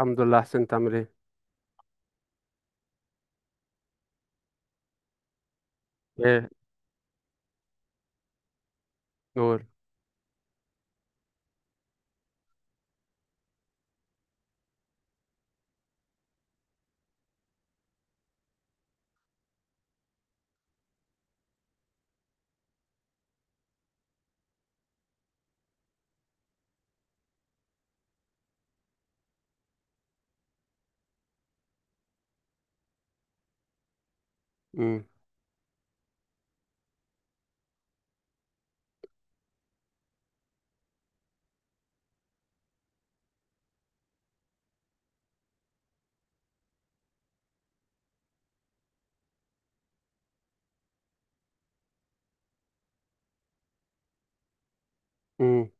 الحمد لله احسن، انت عامل ايه؟ ايه؟ نور. امم. امم.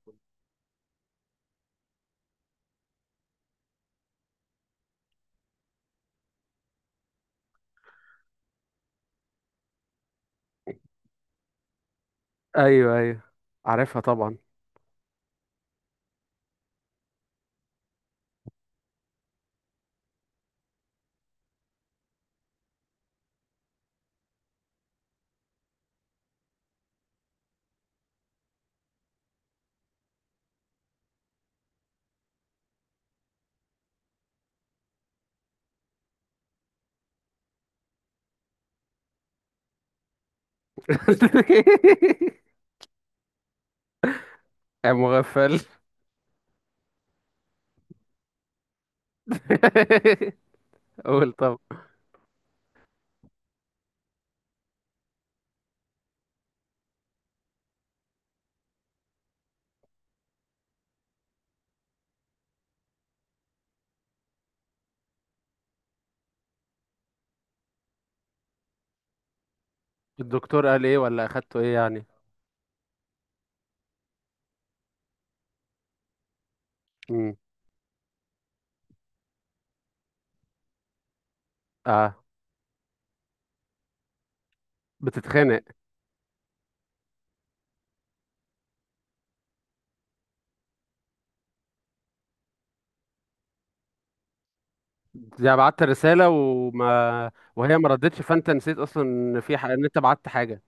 ايوه ايوه، عارفها طبعا. يا مغفل. قول طب. الدكتور قال ايه ولا اخدته ايه يعني؟ امم. اه بتتخانق. يعني بعت رسالة وما وهي ما ردتش فانت نسيت اصلا ان في ان انت بعت حاجة.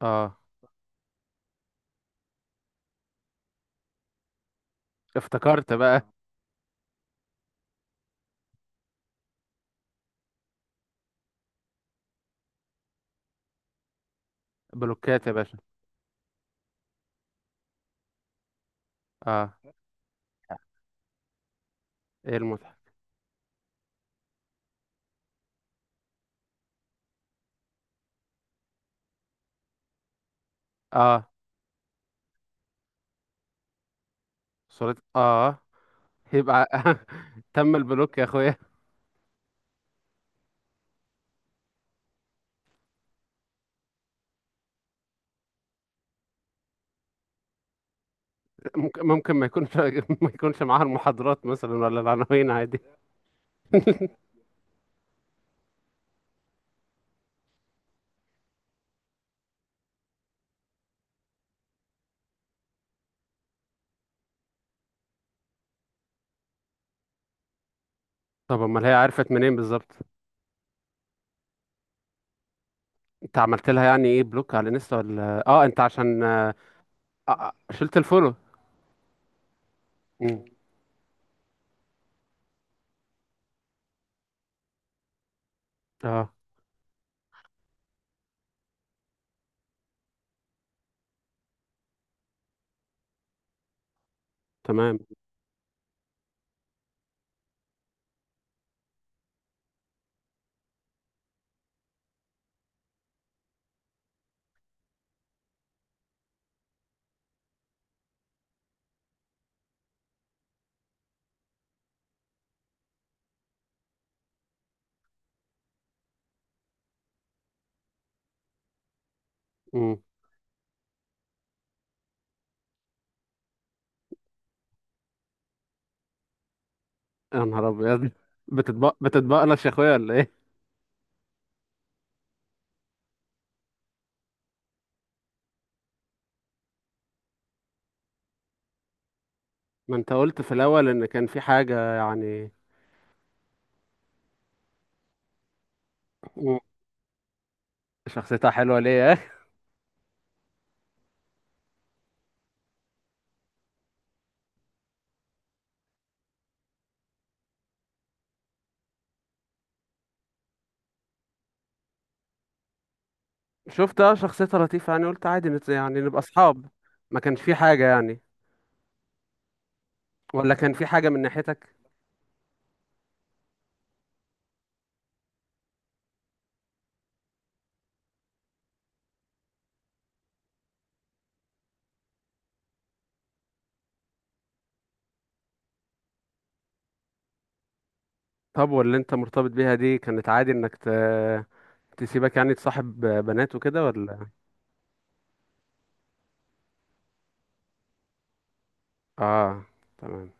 اه افتكرت بقى. بلوكات يا باشا. اه. ايه المضحك؟ اه صورة اه. يبقى تم البلوك يا اخويا. ممكن ممكن ما يكونش ما يكونش معاها المحاضرات مثلا ولا العناوين، عادي. طب امال هي عرفت منين بالظبط؟ انت عملت لها يعني ايه، بلوك على انستا ولا اه انت عشان شلت الفولو. مم. اه تمام. مم. يا نهار ابيض. بتتبق بتتبقلش يا اخويا ولا ايه؟ ما انت قلت في الاول ان كان في حاجه يعني. مم. شخصيتها حلوه ليه يا اخي؟ شفت اه شخصيتها لطيفه يعني، قلت عادي يعني نبقى اصحاب، ما كانش في حاجه يعني؟ ولا كان في حاجه من ناحيتك؟ طب واللي انت مرتبط بيها دي كانت عادي انك تسيبك يعني تصاحب بنات وكده ولا؟ اه تمام.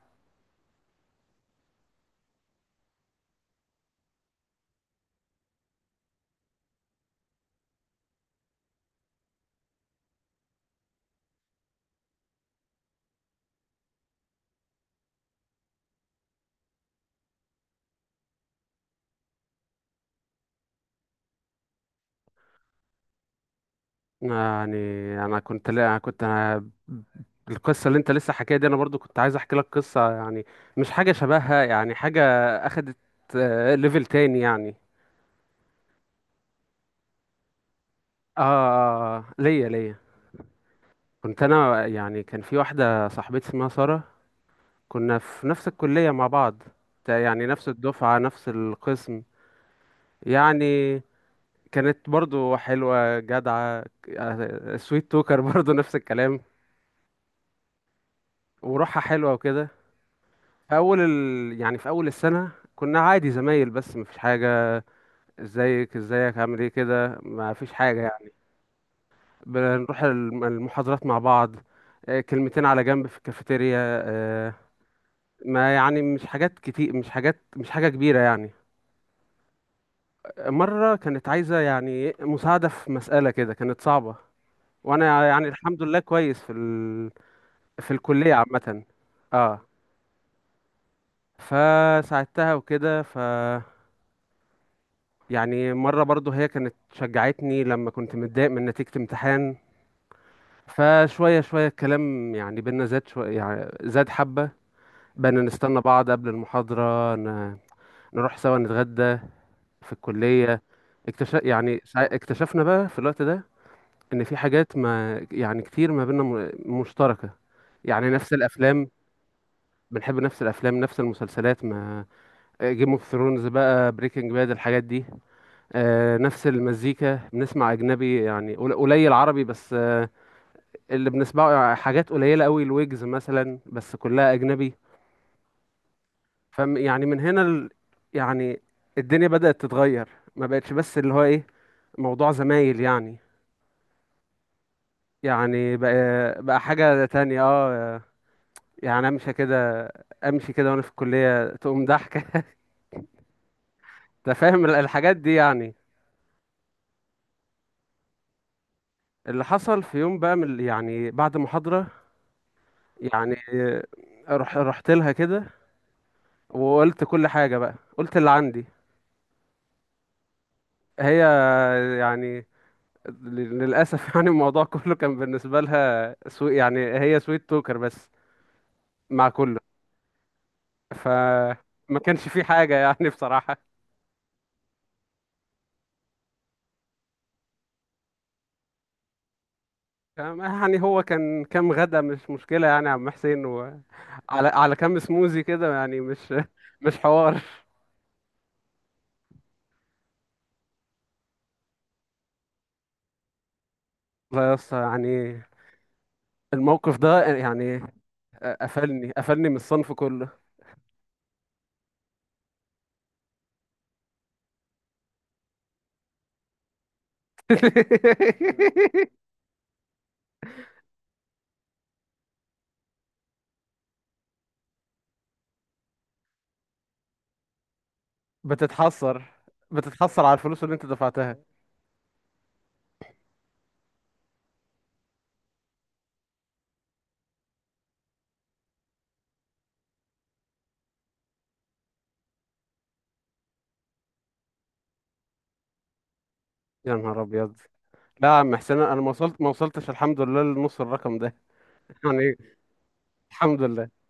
يعني انا كنت، لا كنت أنا، القصه اللي انت لسه حكاها دي انا برضو كنت عايز احكي لك قصه يعني، مش حاجه شبهها، يعني حاجه اخدت ليفل تاني يعني. اه ليا ليا. كنت انا يعني، كان في واحده صاحبتي اسمها ساره، كنا في نفس الكليه مع بعض، يعني نفس الدفعه نفس القسم. يعني كانت برضو حلوة جدعة. سويت توكر برضو نفس الكلام. وروحها حلوة وكده. في أول يعني في أول السنة كنا عادي زمايل بس مفيش حاجة. ازيك ازيك عامل ايه كده، مفيش حاجة يعني. بنروح المحاضرات مع بعض، كلمتين على جنب في الكافيتيريا، آه، ما يعني مش حاجات كتير، مش حاجات، مش حاجة كبيرة يعني. مرة كانت عايزة يعني مساعدة في مسألة كده كانت صعبة، وأنا يعني الحمد لله كويس في في الكلية عامة. اه فساعدتها وكده ف يعني مرة برضو هي كانت شجعتني لما كنت متضايق من نتيجة امتحان. فشوية شوية الكلام يعني بينا زاد شوية، يعني زاد حبة. بقينا نستنى بعض قبل المحاضرة نروح سوا نتغدى في الكلية. اكتشف يعني اكتشفنا بقى في الوقت ده ان في حاجات ما يعني كتير ما بينا مشتركة. يعني نفس الافلام، بنحب نفس الافلام نفس المسلسلات ما، جيم اوف ثرونز بقى، بريكنج باد، الحاجات دي. نفس المزيكا، بنسمع اجنبي يعني قليل عربي بس اللي بنسمعه حاجات قليله قوي، الويجز مثلا، بس كلها اجنبي. فم يعني من هنا يعني الدنيا بدأت تتغير، ما بقتش بس اللي هو ايه موضوع زمايل يعني، يعني بقى حاجه تانية اه، يعني امشي كده، امشي كده وانا في الكليه تقوم ضحكه. انت فاهم الحاجات دي يعني. اللي حصل في يوم بقى، من يعني بعد محاضره، يعني رحت لها كده وقلت كل حاجة بقى، قلت اللي عندي. هي يعني للأسف يعني الموضوع كله كان بالنسبة لها يعني هي سويت توكر بس مع كله. فما كانش في حاجة يعني بصراحة. يعني هو كان كام غدا، مش مشكلة يعني يا عم حسين، وعلى على كام سموزي كده يعني، مش مش حوار. لا يا اسطى يعني، الموقف ده يعني قفلني، قفلني من الصنف كله. بتتحسر، بتتحسر على الفلوس اللي انت دفعتها. يا نهار ابيض، لا يا عم حسين انا ما وصلت ما وصلتش الحمد لله لنص الرقم ده. يعني إيه؟ الحمد لله.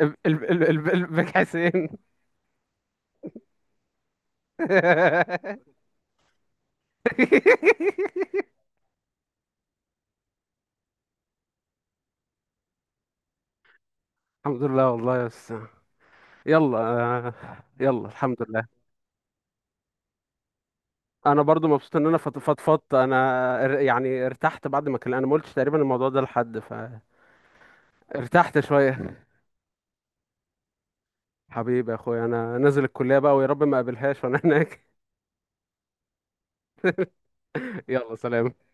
الباك حسين. الحمد لله والله يا أستاذ. يلا يلا الحمد لله. انا برضو مبسوط ان انا فضفضت. انا يعني ارتحت بعد ما كلمت، انا ما قلتش تقريبا الموضوع ده لحد، فارتحت شويه. حبيبي يا اخويا، انا نازل الكلية بقى ويا رب ما اقابلهاش وانا هناك. يلا سلام.